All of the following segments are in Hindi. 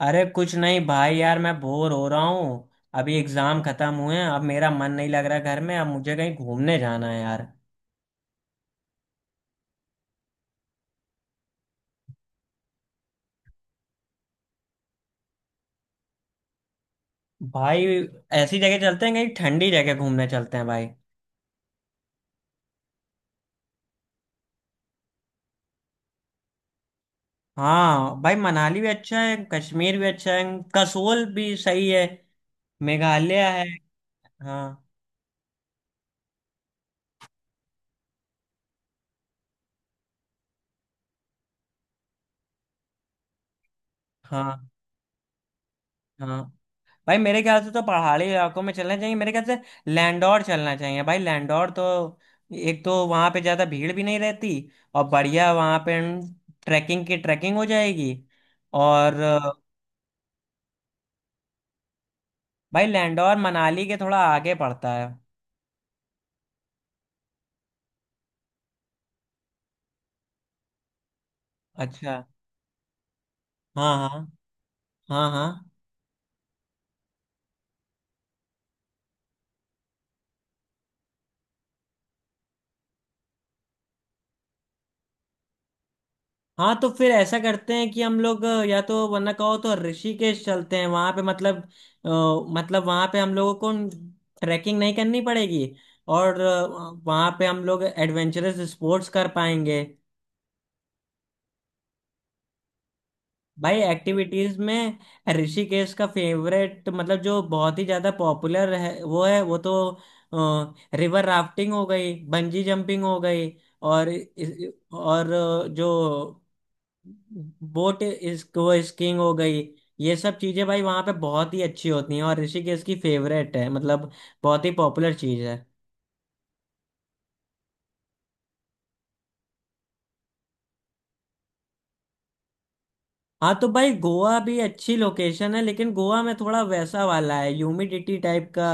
अरे कुछ नहीं भाई, यार मैं बोर हो रहा हूँ। अभी एग्जाम खत्म हुए हैं, अब मेरा मन नहीं लग रहा घर में। अब मुझे कहीं घूमने जाना है यार। भाई, ऐसी जगह चलते हैं, कहीं ठंडी जगह घूमने चलते हैं भाई। हाँ भाई, मनाली भी अच्छा है, कश्मीर भी अच्छा है। कसोल भी सही है। मेघालय है। हाँ। हाँ। हाँ भाई, मेरे ख्याल से तो पहाड़ी इलाकों में चलना चाहिए मेरे ख्याल से। लैंडौर चलना चाहिए भाई, लैंडौर तो एक तो वहाँ पे ज़्यादा भीड़ भी नहीं रहती, और बढ़िया वहाँ पे ट्रैकिंग हो जाएगी। और भाई लैंडौर मनाली के थोड़ा आगे पड़ता है। अच्छा। हाँ हाँ। हाँ। हाँ। हाँ तो फिर ऐसा करते हैं कि हम लोग या तो वरना कहो तो ऋषिकेश चलते हैं, वहां पे मतलब अ, मतलब वहां पे हम लोगों को ट्रैकिंग नहीं करनी पड़ेगी, और वहां पे हम लोग एडवेंचरस स्पोर्ट्स कर पाएंगे। भाई एक्टिविटीज में ऋषिकेश का फेवरेट मतलब जो बहुत ही ज्यादा पॉपुलर है वो है, वो तो रिवर राफ्टिंग हो गई, बंजी जंपिंग हो गई, और जो बोट इसको स्कीइंग हो गई। ये सब चीजें भाई वहां पे बहुत ही अच्छी होती हैं, और ऋषिकेश की फेवरेट है मतलब, बहुत ही पॉपुलर चीज है। हाँ तो भाई गोवा भी अच्छी लोकेशन है, लेकिन गोवा में थोड़ा वैसा वाला है, ह्यूमिडिटी टाइप का।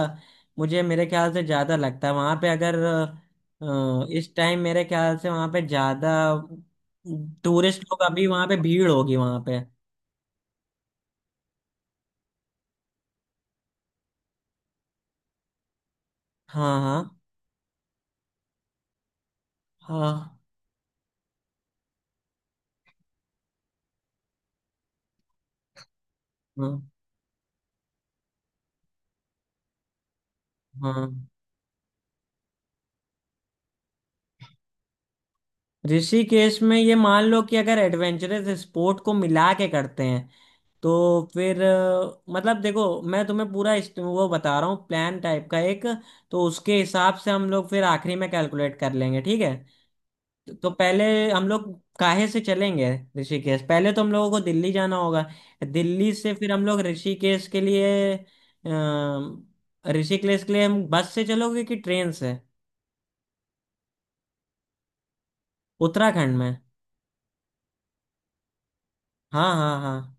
मुझे मेरे ख्याल से ज्यादा लगता है वहां पे, अगर इस टाइम मेरे ख्याल से वहां पे ज्यादा टूरिस्ट लोग अभी वहां पे भीड़ होगी वहां पे। हाँ हाँ। हाँ। हाँ। हाँ ऋषिकेश में ये मान लो कि अगर एडवेंचरस स्पोर्ट को मिला के करते हैं, तो फिर मतलब देखो मैं तुम्हें पूरा वो बता रहा हूँ, प्लान टाइप का एक, तो उसके हिसाब से हम लोग फिर आखिरी में कैलकुलेट कर लेंगे, ठीक है। तो पहले हम लोग काहे से चलेंगे। ऋषिकेश, पहले तो हम लोगों को दिल्ली जाना होगा। दिल्ली से फिर हम लोग ऋषिकेश के लिए ऋषिकेश के लिए हम बस से चलोगे कि ट्रेन से। उत्तराखंड में। हाँ हाँ हाँ।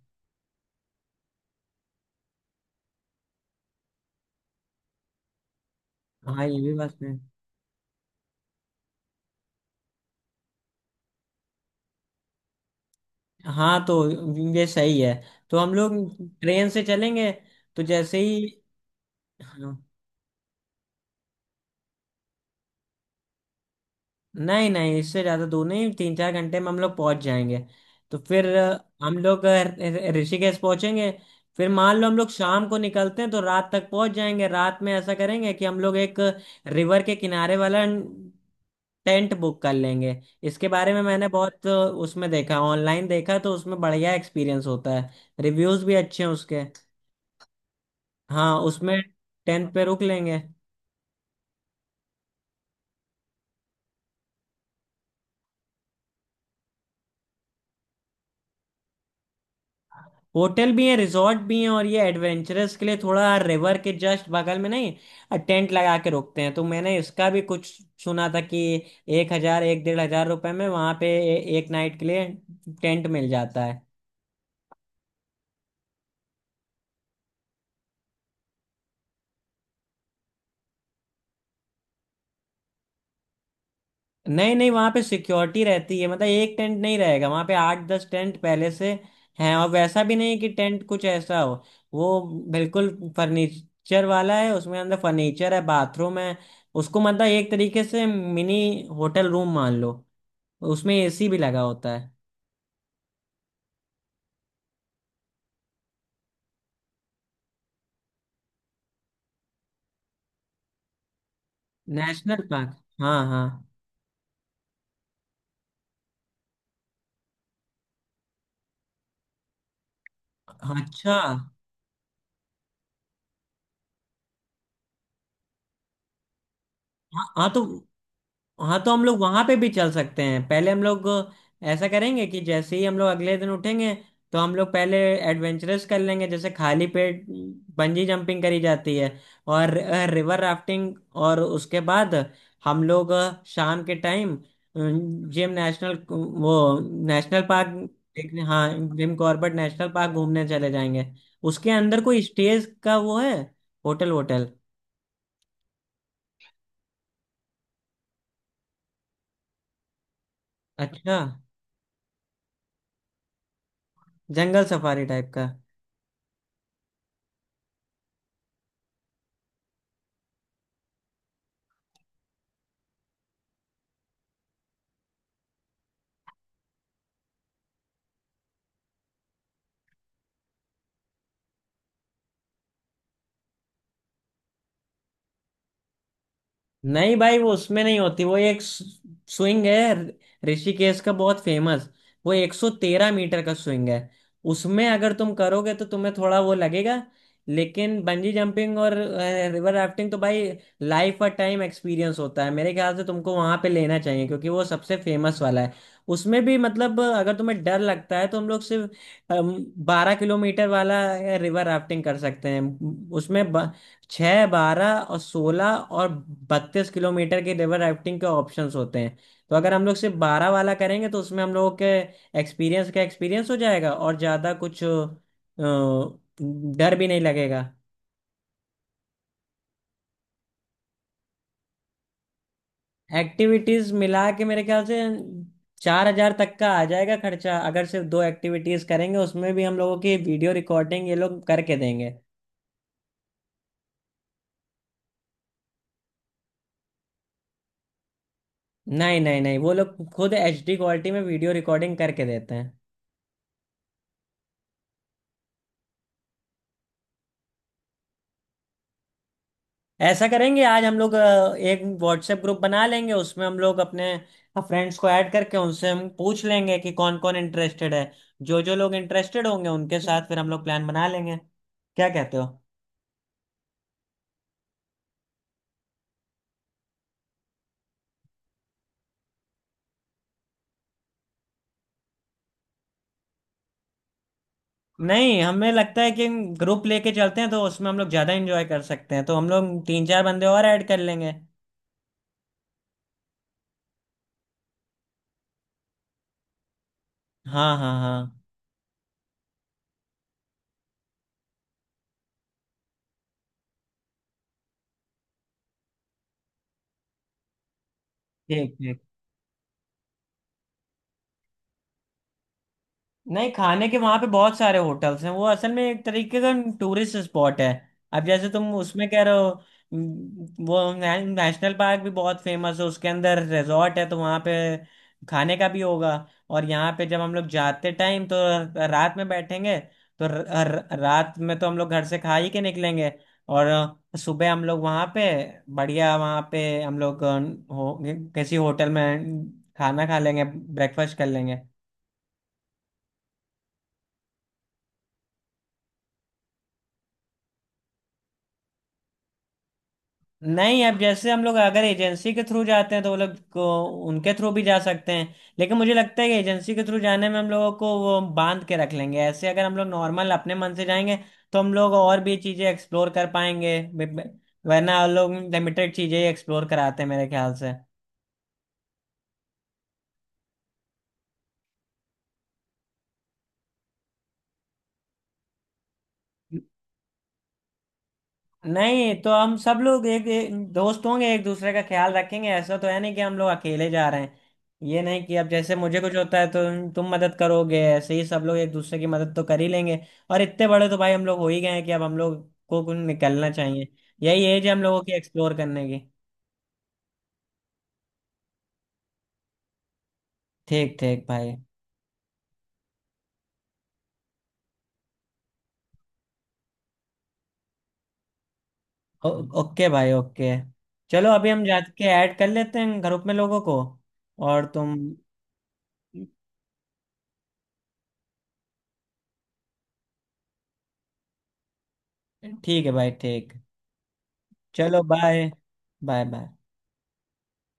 हाँ ये भी बस में। हाँ तो ये सही है, तो हम लोग ट्रेन से चलेंगे। तो जैसे ही, हाँ, नहीं नहीं इससे ज़्यादा दूर नहीं, 3-4 घंटे में हम लोग पहुँच जाएंगे। तो फिर हम लोग ऋषिकेश पहुँचेंगे। फिर मान लो हम लोग शाम को निकलते हैं तो रात तक पहुँच जाएंगे। रात में ऐसा करेंगे कि हम लोग एक रिवर के किनारे वाला टेंट बुक कर लेंगे। इसके बारे में मैंने बहुत उसमें देखा, ऑनलाइन देखा, तो उसमें बढ़िया एक्सपीरियंस होता है, रिव्यूज़ भी अच्छे हैं उसके। हाँ उसमें टेंट पे रुक लेंगे। होटल भी है, रिजॉर्ट भी है, और ये एडवेंचरस के लिए थोड़ा रिवर के जस्ट बगल में, नहीं टेंट लगा के रुकते हैं, तो मैंने इसका भी कुछ सुना था कि एक हजार एक डेढ़ हजार रुपए में वहां पे एक नाइट के लिए टेंट मिल जाता है। नहीं नहीं वहां पे सिक्योरिटी रहती है, मतलब एक टेंट नहीं रहेगा वहां पे, आठ दस टेंट पहले से हैं। और वैसा भी नहीं कि टेंट कुछ ऐसा हो, वो बिल्कुल फर्नीचर वाला है, उसमें अंदर फर्नीचर है, बाथरूम है। उसको मतलब एक तरीके से मिनी होटल रूम मान लो। उसमें एसी भी लगा होता है। नेशनल पार्क, हाँ हाँ। अच्छा। हाँ हाँ तो हम लोग वहां पे भी चल सकते हैं। पहले हम लोग ऐसा करेंगे कि जैसे ही हम लोग अगले दिन उठेंगे, तो हम लोग पहले एडवेंचरस कर लेंगे, जैसे खाली पेट बंजी जंपिंग करी जाती है, और रिवर राफ्टिंग। और उसके बाद हम लोग शाम के टाइम जिम नेशनल वो, नेशनल पार्क देखने, हाँ जिम कॉर्बेट नेशनल पार्क घूमने चले जाएंगे। उसके अंदर कोई स्टेज का वो है, होटल होटल। अच्छा। जंगल सफारी टाइप का। नहीं भाई वो उसमें नहीं होती, वो एक स्विंग है, ऋषिकेश का बहुत फेमस। वो 113 मीटर का स्विंग है, उसमें अगर तुम करोगे तो तुम्हें थोड़ा वो लगेगा। लेकिन बंजी जंपिंग और रिवर राफ्टिंग तो भाई लाइफ और टाइम एक्सपीरियंस होता है, मेरे ख्याल से तुमको वहां पे लेना चाहिए, क्योंकि वो सबसे फेमस वाला है। उसमें भी मतलब अगर तुम्हें डर लगता है, तो हम लोग सिर्फ 12 किलोमीटर वाला रिवर राफ्टिंग कर सकते हैं। उसमें 6, 12 और 16 और 32 किलोमीटर के रिवर राफ्टिंग के ऑप्शंस होते हैं। तो अगर हम लोग सिर्फ 12 वाला करेंगे तो उसमें हम लोगों के एक्सपीरियंस हो जाएगा, और ज़्यादा कुछ डर भी नहीं लगेगा। एक्टिविटीज़ मिला के मेरे ख्याल से 4,000 तक का आ जाएगा खर्चा, अगर सिर्फ दो एक्टिविटीज़ करेंगे। उसमें भी हम लोगों की वीडियो रिकॉर्डिंग ये लोग करके देंगे। नहीं नहीं नहीं वो लोग खुद एचडी क्वालिटी में वीडियो रिकॉर्डिंग करके देते हैं। ऐसा करेंगे, आज हम लोग एक व्हाट्सएप ग्रुप बना लेंगे, उसमें हम लोग अपने फ्रेंड्स को ऐड करके उनसे हम पूछ लेंगे कि कौन कौन इंटरेस्टेड है। जो जो लोग इंटरेस्टेड होंगे उनके साथ फिर हम लोग प्लान बना लेंगे, क्या कहते हो। नहीं हमें लगता है कि ग्रुप लेके चलते हैं तो उसमें हम लोग ज़्यादा एंजॉय कर सकते हैं, तो हम लोग तीन चार बंदे और ऐड कर लेंगे। हाँ हाँ हाँ। ठीक ठीक। नहीं खाने के वहां पे बहुत सारे होटल्स हैं, वो असल में एक तरीके का टूरिस्ट स्पॉट है। अब जैसे तुम उसमें कह रहे हो, वो नेशनल पार्क भी बहुत फेमस है, उसके अंदर रिजॉर्ट है, तो वहां पे खाने का भी होगा। और यहाँ पे जब हम लोग जाते टाइम, तो रात में बैठेंगे तो र, र, रात में तो हम लोग घर से खा ही के निकलेंगे। और सुबह हम लोग वहाँ पे बढ़िया, वहाँ पे हम लोग हो, किसी होटल में खाना खा लेंगे, ब्रेकफास्ट कर लेंगे। नहीं अब जैसे हम लोग अगर एजेंसी के थ्रू जाते हैं तो वो लोग को, उनके थ्रू भी जा सकते हैं, लेकिन मुझे लगता है कि एजेंसी के थ्रू जाने में हम लोगों को वो बांध के रख लेंगे। ऐसे अगर हम लोग नॉर्मल अपने मन से जाएंगे तो हम लोग और भी चीज़ें एक्सप्लोर कर पाएंगे, वरना हम लोग लिमिटेड चीज़ें ही एक्सप्लोर कराते हैं मेरे ख्याल से। नहीं तो हम सब लोग एक, एक दोस्त होंगे, एक दूसरे का ख्याल रखेंगे। ऐसा तो है नहीं कि हम लोग अकेले जा रहे हैं। ये नहीं कि अब जैसे मुझे कुछ होता है तो तुम मदद करोगे, ऐसे ही सब लोग एक दूसरे की मदद तो कर ही लेंगे। और इतने बड़े तो भाई हम लोग हो ही गए हैं कि अब हम लोग को कुछ निकलना चाहिए। यही एज है हम लोगों की एक्सप्लोर करने की। ठीक ठीक भाई। ओ, ओके भाई ओके। चलो, अभी हम जाके ऐड कर लेते हैं ग्रुप में लोगों को। और तुम, ठीक है भाई ठीक। चलो बाय। Bye bye.